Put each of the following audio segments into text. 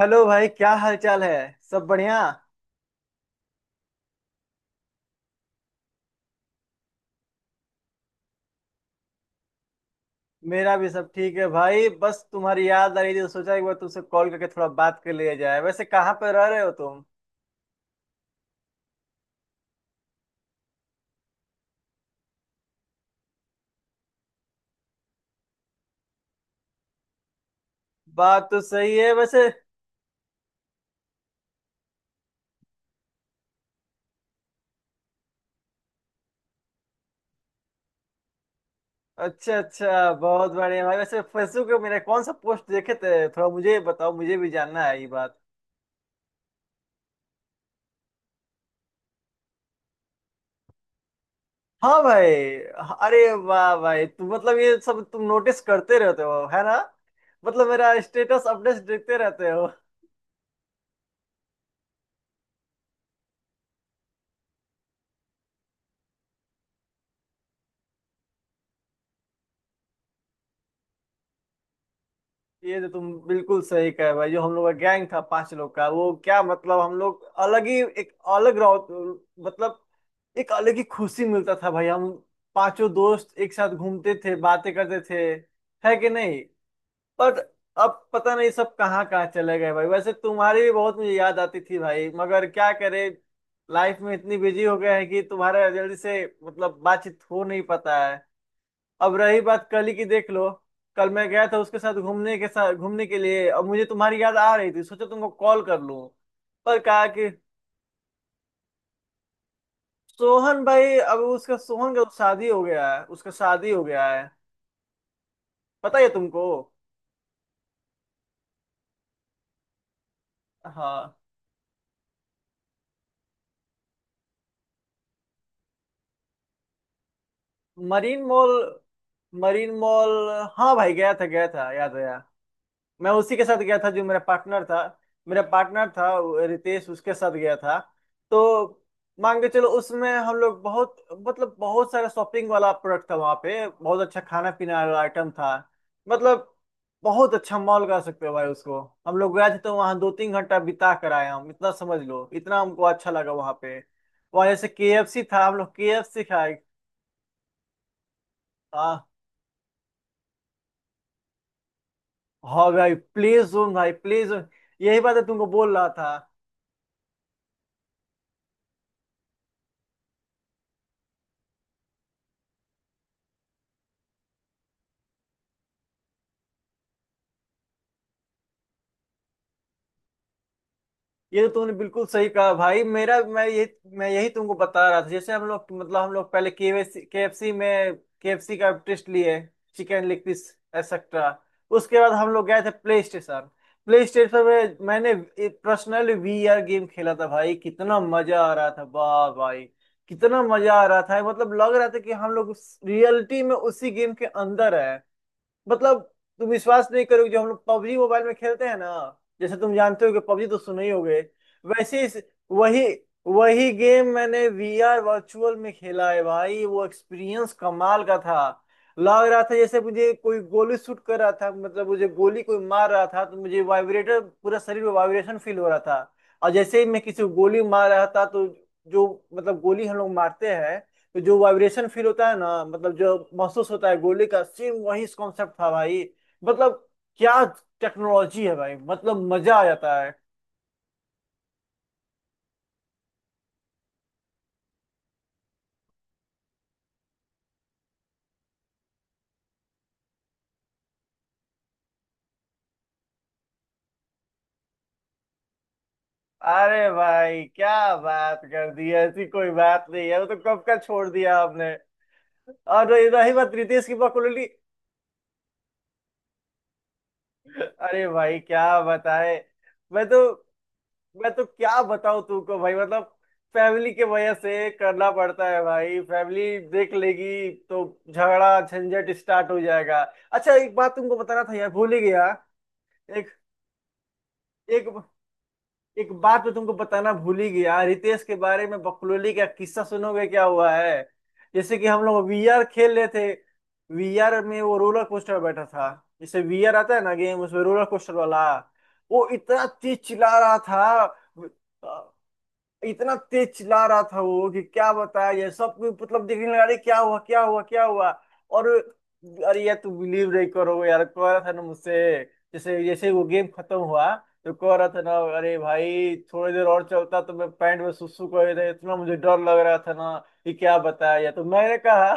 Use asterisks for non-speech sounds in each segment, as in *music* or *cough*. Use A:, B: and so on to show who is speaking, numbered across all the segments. A: Hello भाई, क्या हाल चाल है। सब बढ़िया। मेरा भी सब ठीक है भाई, बस तुम्हारी याद आ रही थी तो सोचा एक बार तुमसे कॉल करके थोड़ा बात कर लिया जाए। वैसे कहाँ पे रह रहे हो तुम। बात तो सही है वैसे। अच्छा अच्छा, बहुत बढ़िया भाई। वैसे फेसबुक पे मेरे कौन सा पोस्ट देखे थे, थोड़ा मुझे बताओ, मुझे भी जानना है ये बात। हाँ भाई। अरे वाह भाई, तुम मतलब ये सब तुम नोटिस करते रहते हो है ना, मतलब मेरा स्टेटस अपडेट्स देखते रहते। ये तो तुम बिल्कुल सही कहे भाई, जो हम लोग का गैंग था पांच लोग का, वो क्या मतलब हम लोग अलग ही एक अलग रहो, मतलब एक अलग ही खुशी मिलता था भाई। हम पांचों दोस्त एक साथ घूमते थे, बातें करते थे, है कि नहीं। पर अब पता नहीं सब कहाँ कहाँ चले गए भाई। वैसे तुम्हारी भी बहुत मुझे याद आती थी भाई, मगर क्या करे, लाइफ में इतनी बिजी हो गए हैं कि तुम्हारा जल्दी से मतलब बातचीत हो नहीं पाता है। अब रही बात कल ही की, देख लो। कल मैं गया था उसके साथ घूमने के लिए। अब मुझे तुम्हारी याद आ रही थी, सोचा तुमको कॉल कर लूं। पर कहा कि सोहन भाई, अब उसका सोहन का तो शादी हो गया है, उसका शादी हो गया है, पता है तुमको। हाँ। Marine mall. मरीन मॉल, हाँ भाई, गया था याद आया। मैं उसी के साथ गया था जो मेरा पार्टनर था। मेरा पार्टनर था वो, रितेश, उसके साथ गया था। तो मान के चलो, उसमें हम लोग बहुत, मतलब बहुत सारा शॉपिंग वाला प्रोडक्ट था वहाँ पे, बहुत अच्छा खाना पीना वाला आइटम था, मतलब बहुत अच्छा मॉल कह सकते हो भाई उसको। हम लोग गए थे तो वहाँ 2-3 घंटा बिता कर आए हम, इतना समझ लो, इतना हमको अच्छा लगा वहाँ पे। वहाँ जैसे KFC था, हम लोग KFC खाए। हाँ। हाँ भाई, प्ले जोन भाई, प्ले जोन, यही बात है तुमको बोल रहा था। ये तो तूने बिल्कुल सही कहा भाई, मेरा मैं यही तुमको बता रहा था। जैसे हम लोग, मतलब हम लोग पहले केएफसी, केएफसी में, केएफसी का टेस्ट लिए, चिकन लेग पीस एक्सेट्रा। उसके बाद हम लोग गए थे प्ले स्टेशन। प्ले स्टेशन में मैंने पर्सनली वीआर गेम खेला था भाई। कितना मजा आ रहा था वाह भाई, कितना मजा आ रहा था, मतलब लग रहा था कि हम लोग रियलिटी में उसी गेम के अंदर है। मतलब तुम विश्वास नहीं करोगे, जो हम लोग पबजी मोबाइल में खेलते हैं ना, जैसे तुम जानते हो कि पबजी तो सुने ही होगे। वैसे इस- वही वही गेम मैंने वीआर वर्चुअल में खेला है भाई। वो एक्सपीरियंस कमाल का था। लग रहा था जैसे मुझे कोई गोली शूट कर रहा था, मतलब मुझे गोली कोई मार रहा था तो मुझे वाइब्रेटर, पूरा शरीर में वाइब्रेशन फील हो रहा था। और जैसे ही मैं किसी को गोली मार रहा था तो जो, मतलब गोली हम लोग मारते हैं, तो जो वाइब्रेशन फील होता है ना, मतलब जो महसूस होता है गोली का, सेम वही कॉन्सेप्ट था भाई। मतलब क्या टेक्नोलॉजी है भाई, मतलब मजा आ जाता है। अरे भाई क्या बात कर दी, ऐसी कोई बात नहीं है, वो तो कब का छोड़ दिया आपने। और रही रही बात रितेश की पॉपुलरिटी। अरे भाई क्या बताए, मैं तो मैं तो क्या बताऊं तुमको भाई। मतलब फैमिली के वजह से करना पड़ता है भाई, फैमिली देख लेगी तो झगड़ा झंझट स्टार्ट हो जाएगा। अच्छा एक बात तुमको बताना था यार, भूल ही गया। एक एक एक बात मैं तुमको बताना भूल ही गया, रितेश के बारे में बकलोली का किस्सा सुनोगे क्या हुआ है। जैसे कि हम लोग वीआर खेल रहे थे, वीआर में वो रोलर कोस्टर बैठा था, जैसे वीआर आता है ना गेम उसमें रोलर कोस्टर वाला। वो इतना तेज चिल्ला रहा था, इतना तेज चिल्ला रहा था वो कि क्या बताया, ये सब कोई मतलब देखने लगा, अरे क्या हुआ क्या हुआ क्या हुआ। और अरे यार, तू बिलीव नहीं करोगे यार, कह रहा था ना मुझसे, जैसे जैसे वो गेम खत्म हुआ तो कह रहा था ना, अरे भाई थोड़ी देर और चलता तो मैं पैंट में सुसु कर देता, इतना मुझे डर लग रहा था ना, कि क्या बताया यार। तो मैंने कहा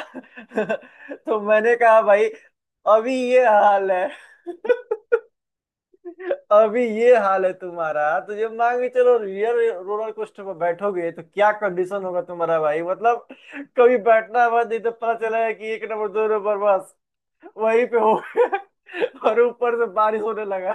A: *laughs* तो मैंने कहा भाई, अभी ये हाल है। *laughs* अभी ये हाल है तुम्हारा तो, जब मान के चलो रियल रोलर कोस्टर पर बैठोगे, तो क्या कंडीशन होगा तुम्हारा भाई। मतलब कभी बैठना है बस, नहीं तो पता चला है कि एक नंबर दो नंबर बस वहीं पे हो गया। *laughs* और ऊपर से बारिश होने लगा।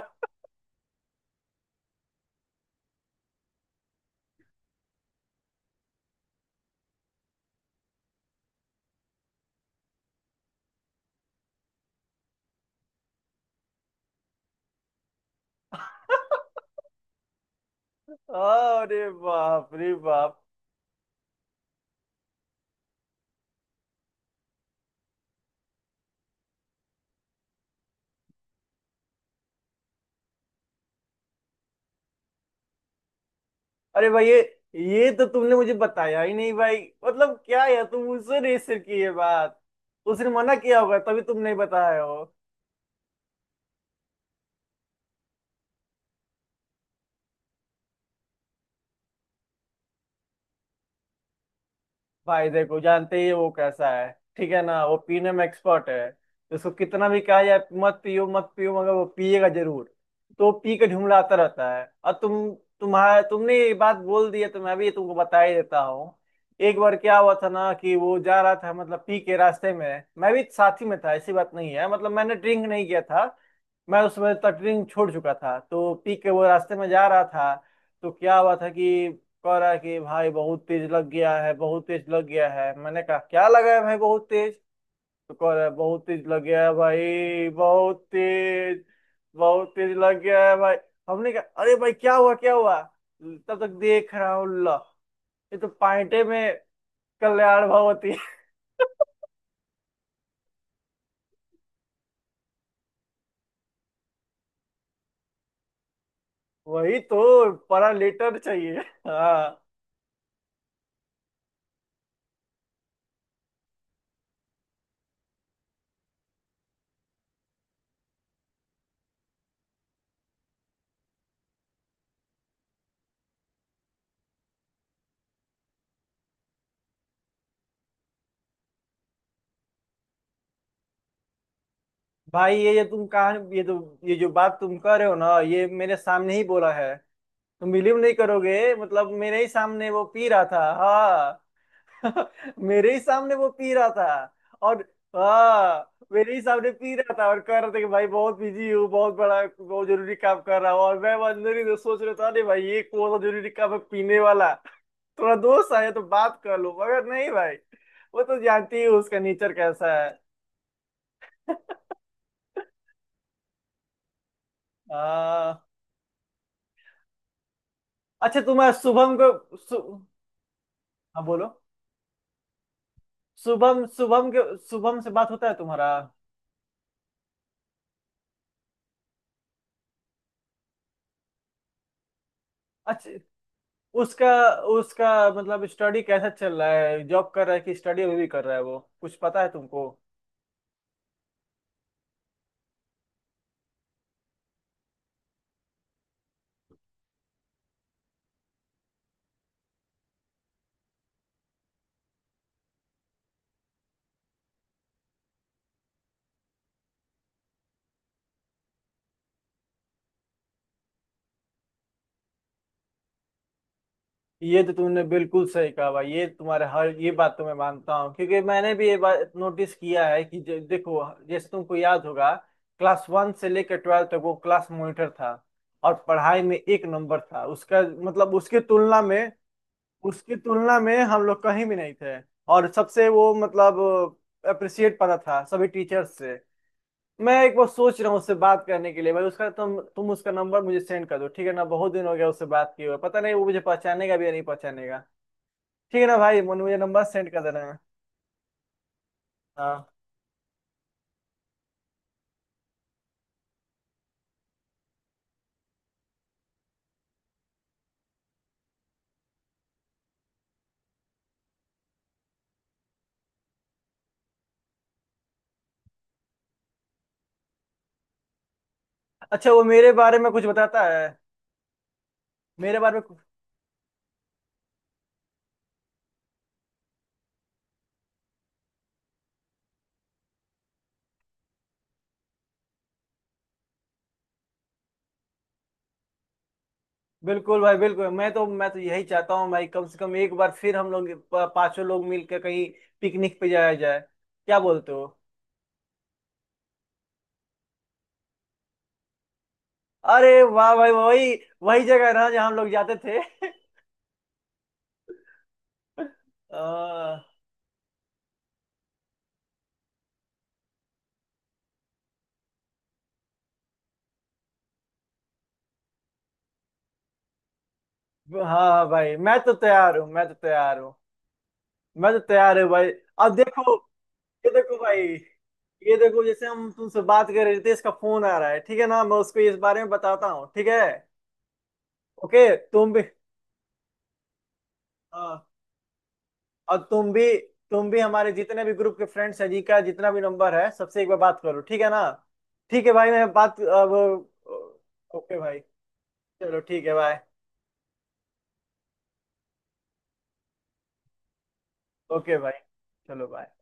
A: अरे बाप रे बाप। अरे भाई, ये तो तुमने मुझे बताया ही नहीं भाई। मतलब क्या यार, तुम मुझसे नहीं शेयर की ये बात। उसने मना किया होगा तभी तुम नहीं बताया। भाई देखो, जानते ही है वो कैसा है, ठीक है ना। वो पीने में एक्सपर्ट है, उसको कितना भी कहा जाए मत पियो मत पियो, मगर वो पिएगा जरूर। तो वो पी के झुमलाता रहता है। और तुम, तुम्हारा तुमने ये बात बोल दी है तो मैं भी तुमको बता ही देता हूँ। एक बार क्या हुआ था ना, कि वो जा रहा था मतलब पी के रास्ते में, मैं भी साथी में था, ऐसी बात नहीं है, मतलब मैंने ड्रिंक नहीं किया था, मैं उस समय तटरिंग छोड़ चुका था। तो पीक के वो रास्ते में जा रहा था, तो क्या हुआ था कि कह रहा है कि भाई बहुत तेज लग गया है, बहुत तेज लग गया है। मैंने कहा क्या लगा है भाई बहुत तेज। तो कह रहा है बहुत तेज लग गया है भाई, बहुत तेज, बहुत तेज लग गया है भाई। हमने कहा अरे भाई क्या हुआ क्या हुआ। तब तक देख रहा हूँ ला, ये तो पाइंटे में कल्याण भगवती। *laughs* वही तो परा लेटर चाहिए। हाँ भाई, ये ये जो बात तुम कर रहे हो ना, ये मेरे सामने ही बोला है। तुम बिलीव नहीं करोगे, मतलब मेरे ही सामने वो पी रहा था, हाँ। *laughs* मेरे ही सामने वो पी रहा था। और हाँ, मेरे ही सामने पी रहा था और कह रहा था कि भाई बहुत बिजी हूँ, बहुत बड़ा बहुत जरूरी काम कर रहा हूँ। और मैं अंदर ही तो सोच रहा था, अरे भाई ये कौन सा जरूरी काम है पीने वाला। *laughs* थोड़ा दोस्त आया तो बात कर लो, मगर नहीं भाई, वो तो जानती ही हो उसका नेचर कैसा है। *laughs* हाँ। अच्छा, तुम्हारा शुभम को हाँ बोलो, शुभम शुभम के शुभम से बात होता है तुम्हारा। अच्छा, उसका, उसका मतलब स्टडी कैसा चल रहा है, जॉब कर रहा है कि स्टडी अभी भी कर रहा है वो, कुछ पता है तुमको। ये तो तुमने बिल्कुल सही कहा भाई, ये तुम्हारे हर ये बात तो मैं मानता हूँ, क्योंकि मैंने भी ये बात नोटिस किया है कि देखो, जैसे तुमको याद होगा, क्लास 1 से लेकर 12वीं तक वो क्लास मॉनिटर था और पढ़ाई में एक नंबर था उसका। मतलब उसकी तुलना में, उसकी तुलना में हम लोग कहीं भी नहीं थे। और सबसे वो मतलब अप्रिशिएट पाता था सभी टीचर्स से। मैं एक बार सोच रहा हूँ उससे बात करने के लिए भाई। उसका तुम उसका नंबर मुझे सेंड कर दो, ठीक है ना। बहुत दिन हो गया उससे बात किए हुए, पता नहीं वो मुझे पहचानेगा भी या नहीं पहचानेगा। ठीक है ना भाई, मुझे मुझे नंबर सेंड कर देना है। हाँ। अच्छा, वो मेरे बारे में कुछ बताता है, मेरे बारे में बिल्कुल भाई बिल्कुल, मैं तो यही चाहता हूँ भाई, कम से कम एक बार फिर हम लोग पांचों लोग मिलकर कहीं पिकनिक पे जाया जाए, क्या बोलते हो। अरे वाह भाई, वही, वही जगह है ना जहाँ हम लोग जाते थे। *laughs* आ, हाँ हाँ भाई, मैं तो तैयार हूँ, मैं तो तैयार हूँ, मैं तो तैयार हूँ भाई। अब देखो, ये देखो भाई, ये देखो, जैसे हम तुमसे बात कर रहे थे, इसका फोन आ रहा है, ठीक है ना, मैं उसको इस बारे में बताता हूँ, ठीक है। ओके, तुम भी। हाँ, और तुम भी, तुम भी हमारे जितने भी ग्रुप के फ्रेंड्स हैं, जी का जितना भी नंबर है, सबसे एक बार बात करो, ठीक है ना। ठीक है भाई, मैं बात अब, ओके भाई, चलो ठीक है, बाय। ओके भाई, चलो बाय।